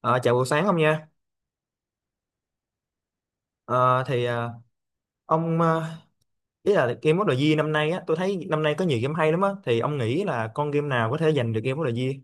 Ờ, Chào buổi sáng ông nha. Ờ, thì ông ý là Game of the Year năm nay á, tôi thấy năm nay có nhiều game hay lắm á. Thì ông nghĩ là con game nào có thể giành được Game of the Year?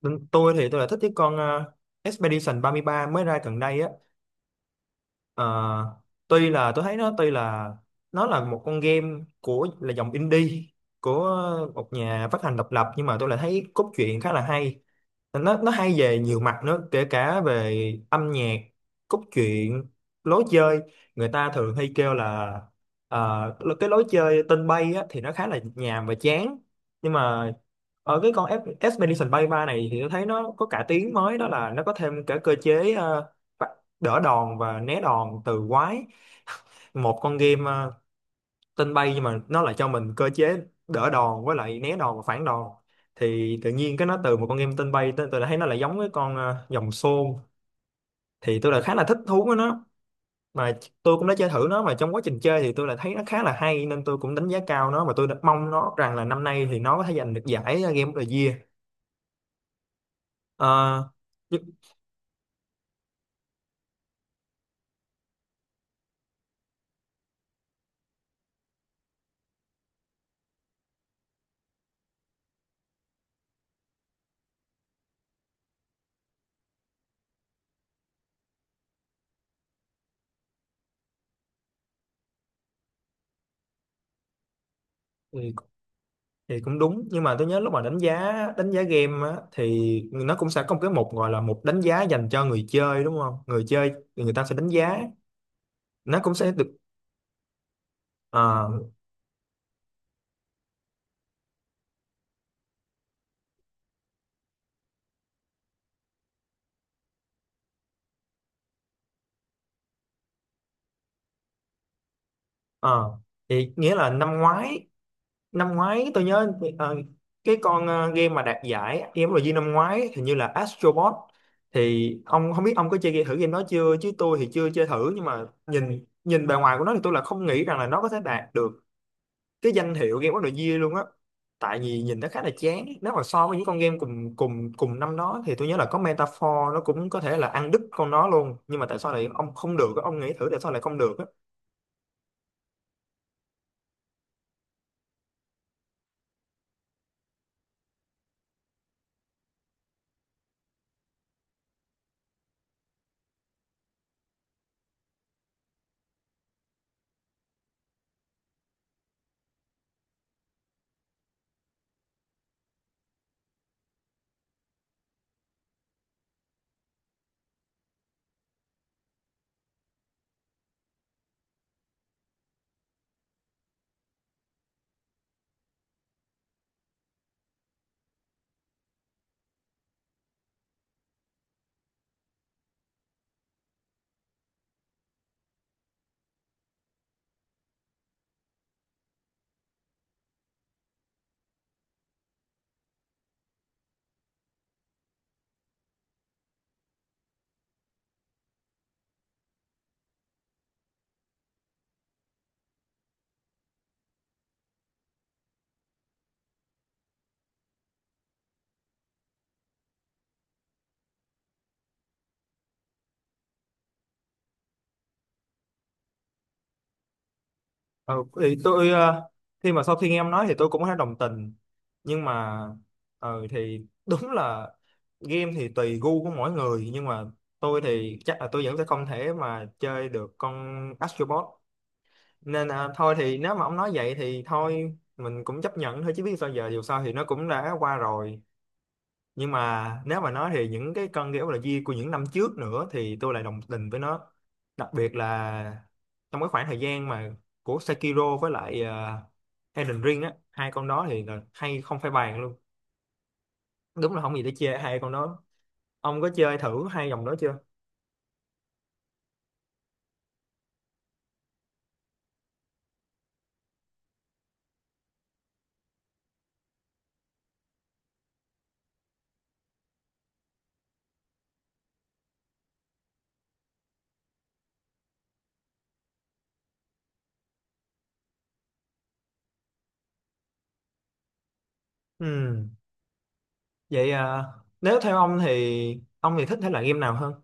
Bên tôi thì tôi là thích cái con Expedition ba mươi ba mới ra gần đây á. Ờ, Tuy là tôi thấy nó tuy là nó là một con game của là dòng indie của một nhà phát hành độc lập, nhưng mà tôi lại thấy cốt truyện khá là hay. Nó hay về nhiều mặt nữa, kể cả về âm nhạc, cốt truyện, lối chơi. Người ta thường hay kêu là cái lối chơi tên bay á, thì nó khá là nhàm và chán, nhưng mà ở cái con Expedition Bay 3 này thì tôi thấy nó có cải tiến mới, đó là nó có thêm cả cơ chế phạt- đỡ đòn và né đòn từ quái. Một con game tên bay nhưng mà nó lại cho mình cơ chế đỡ đòn với lại né đòn và phản đòn, thì tự nhiên cái nó từ một con game tên bay, tôi đã thấy nó lại giống với con dòng xôn, thì tôi lại khá là thích thú với nó. Mà tôi cũng đã chơi thử nó, mà trong quá trình chơi thì tôi lại thấy nó khá là hay, nên tôi cũng đánh giá cao nó và tôi đã mong nó rằng là năm nay thì nó có thể giành được giải Game of the Year. Ờ, nhưng- thì, thì cũng đúng, nhưng mà tôi nhớ lúc mà đánh giá game á, thì nó cũng sẽ có một cái mục, gọi là mục đánh giá dành cho người chơi, đúng không? Người chơi thì người ta sẽ đánh giá, nó cũng sẽ được ờ, ờ. Thì nghĩa là năm ngoái, tôi nhớ ờ, cái con game mà đạt giải game rồi năm ngoái, hình như là Astro Bot. Thì ông không biết ông có chơi thử game đó chưa, chứ tôi thì chưa chơi thử, nhưng mà nhìn nhìn bề ngoài của nó thì tôi là không nghĩ rằng là nó có thể đạt được cái danh hiệu Game of the Year luôn á. Tại vì nhìn nó khá là chán, nếu mà so với những con game cùng cùng cùng năm đó thì tôi nhớ là có Metaphor, nó cũng có thể là ăn đứt con nó luôn, nhưng mà tại sao lại ông không được á? Ông nghĩ thử tại sao lại không được á? Ờ, thì tôi khi mà sau khi nghe em nói thì tôi cũng thấy đồng tình, nhưng mà thì đúng là game thì tùy gu của mỗi người, nhưng mà tôi thì chắc là tôi vẫn sẽ không thể mà chơi được con Astro Bot, nên thôi thì nếu mà ông nói vậy thì thôi mình cũng chấp nhận thôi, chứ biết sao giờ, dù sao thì nó cũng đã qua rồi. Nhưng mà nếu mà nói thì những cái cân kiểu là di của những năm trước nữa thì tôi lại đồng tình với nó, đặc biệt là trong cái khoảng thời gian mà của Sekiro với lại Elden Ring á, hai con đó thì là hay không phải bàn luôn, đúng là không gì để chê hai con đó. Ông có chơi thử hai dòng đó chưa? Ừ. Vậy nếu theo ông thì thích thể loại game nào hơn?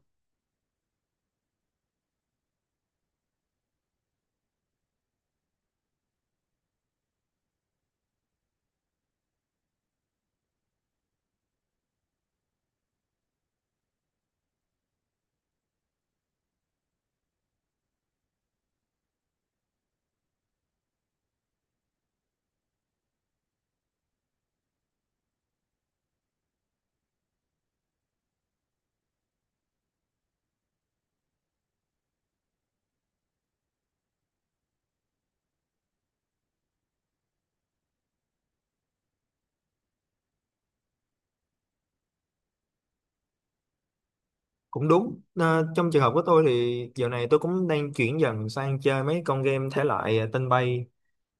Cũng đúng. Ờ, Trong trường hợp của tôi thì giờ này tôi cũng đang chuyển dần sang chơi mấy con game thể loại tên bay.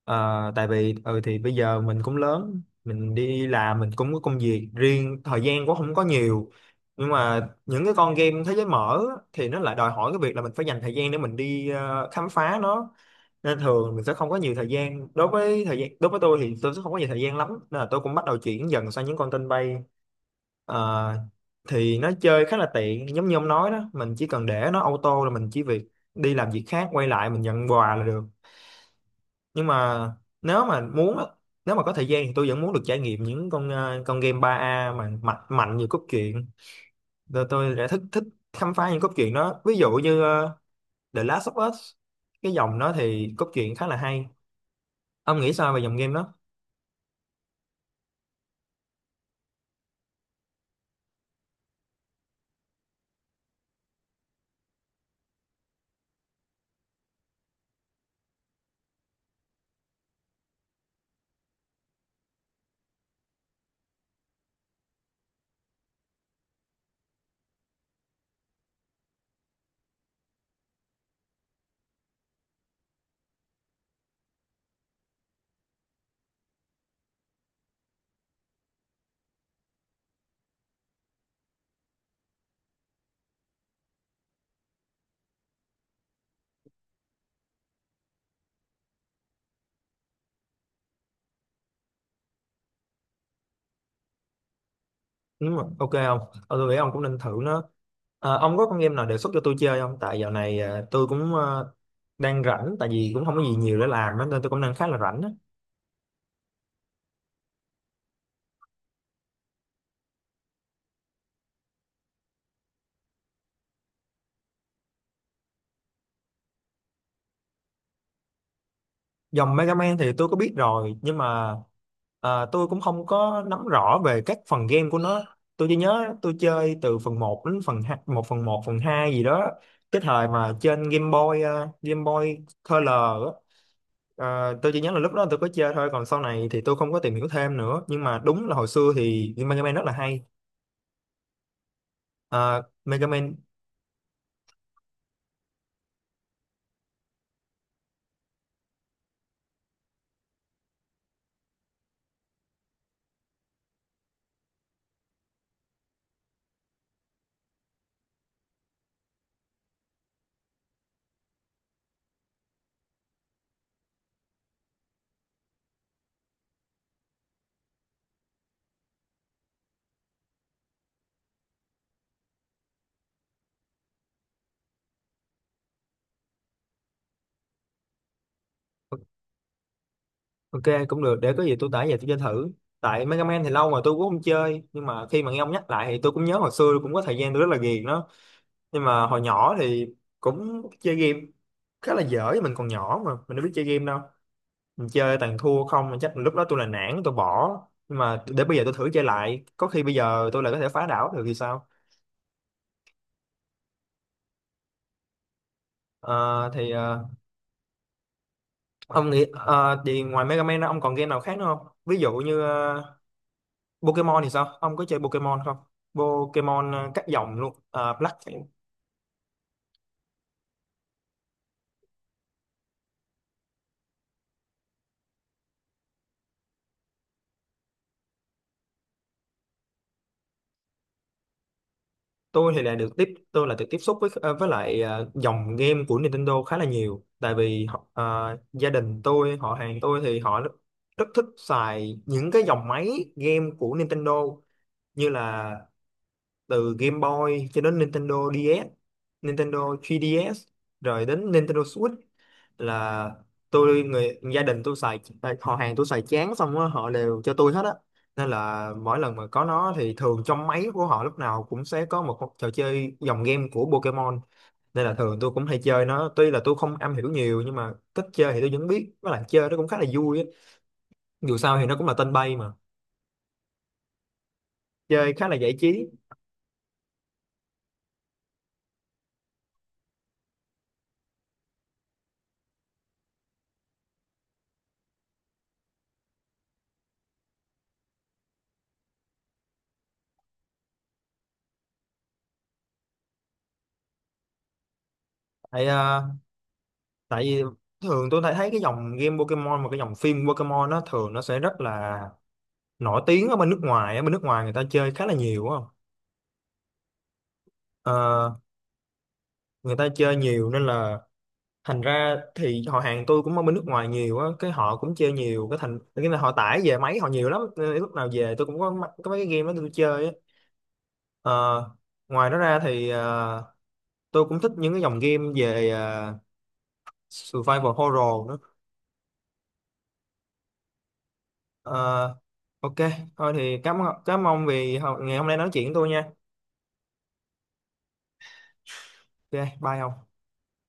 Tại vì ừ thì bây giờ mình cũng lớn, mình đi làm, mình cũng có công việc riêng, thời gian cũng không có nhiều, nhưng mà những cái con game thế giới mở á, thì nó lại đòi hỏi cái việc là mình phải dành thời gian để mình đi khám phá nó. Nên thường mình sẽ không có nhiều thời gian, đối với thời gian đối với tôi thì tôi sẽ không có nhiều thời gian lắm, nên là tôi cũng bắt đầu chuyển dần sang những con tên bay. Ờ, thì nó chơi khá là tiện giống như ông nói đó, mình chỉ cần để nó auto là mình chỉ việc đi làm việc khác, quay lại mình nhận quà là được. Nhưng mà nếu mà muốn á, nếu mà có thời gian thì tôi vẫn muốn được trải nghiệm những con con game 3A mà mạnh mạnh nhiều cốt truyện, rồi tôi đã thích thích khám phá những cốt truyện đó, ví dụ như The Last of Us. Cái dòng đó thì cốt truyện khá là hay. Ông nghĩ sao về dòng game đó? Đúng rồi. Ok không? Tôi nghĩ ông cũng nên thử nó. À, ông có con game nào đề xuất cho tôi chơi không? Tại dạo này à, tôi cũng đang rảnh, tại vì cũng không có gì nhiều để làm á, nên tôi cũng đang khá là rảnh á. Dòng Mega Man thì tôi có biết rồi, nhưng mà tôi cũng không có nắm rõ về các phần game của nó. Tôi chỉ nhớ tôi chơi từ phần một đến phần 2, 1 phần một phần 2 gì đó. Cái thời mà trên Game Boy, Game Boy Color á. Tôi chỉ nhớ là lúc đó tôi có chơi thôi, còn sau này thì tôi không có tìm hiểu thêm nữa, nhưng mà đúng là hồi xưa thì Mega Man rất là hay. Ờ, Mega Man. Ok. Ok, cũng được, để có gì tôi tải về tôi chơi thử. Tại Mega Man thì lâu rồi tôi cũng không chơi, nhưng mà khi mà nghe ông nhắc lại thì tôi cũng nhớ hồi xưa cũng có thời gian tôi rất là ghiền nó. Nhưng mà hồi nhỏ thì cũng chơi game khá là dở, mình còn nhỏ mà mình đâu biết chơi game đâu, mình chơi toàn thua không, mà chắc lúc đó tôi là nản tôi bỏ. Nhưng mà để bây giờ tôi thử chơi lại, có khi bây giờ tôi lại có thể phá đảo được thì sao? Ờ, thì ờ, Ông nghĩ thì ngoài Mega Man ra, ông còn game nào khác nữa không? Ví dụ như Pokemon thì sao? Ông có chơi Pokemon không? Pokemon các dòng luôn. Ờ, Black. Tôi là được tiếp xúc với dòng game của Nintendo khá là nhiều, tại vì gia đình tôi, họ hàng tôi thì họ rất, rất thích xài những cái dòng máy game của Nintendo, như là từ Game Boy cho đến Nintendo DS, Nintendo 3DS, rồi đến Nintendo Switch là tôi, người gia đình tôi xài à, họ hàng tôi xài chán xong á họ đều cho tôi hết á. Nên là mỗi lần mà có nó thì thường trong máy của họ lúc nào cũng sẽ có một trò chơi dòng game của Pokemon, nên là thường tôi cũng hay chơi nó, tuy là tôi không am hiểu nhiều nhưng mà cách chơi thì tôi vẫn biết, với lại chơi nó cũng khá là vui á, dù sao thì nó cũng là tên bay mà, chơi khá là giải trí. tại à, Tại vì thường tôi thấy thấy cái dòng game Pokemon và cái dòng phim Pokemon, nó thường nó sẽ rất là nổi tiếng ở bên nước ngoài, ở bên nước ngoài người ta chơi khá là nhiều á. Ờ, Người ta chơi nhiều, nên là thành ra thì họ hàng tôi cũng ở bên nước ngoài nhiều á, cái họ cũng chơi nhiều, cái thành cái là họ tải về máy họ nhiều lắm, nên lúc nào về tôi cũng có có mấy cái game đó tôi chơi á. Ờ, Ngoài đó ra thì tôi cũng thích những cái dòng game về survival horror nữa. Ờ, ok. Thôi thì cảm cảm ơn vì ngày hôm nay nói chuyện với tôi nha. Ok bye ông.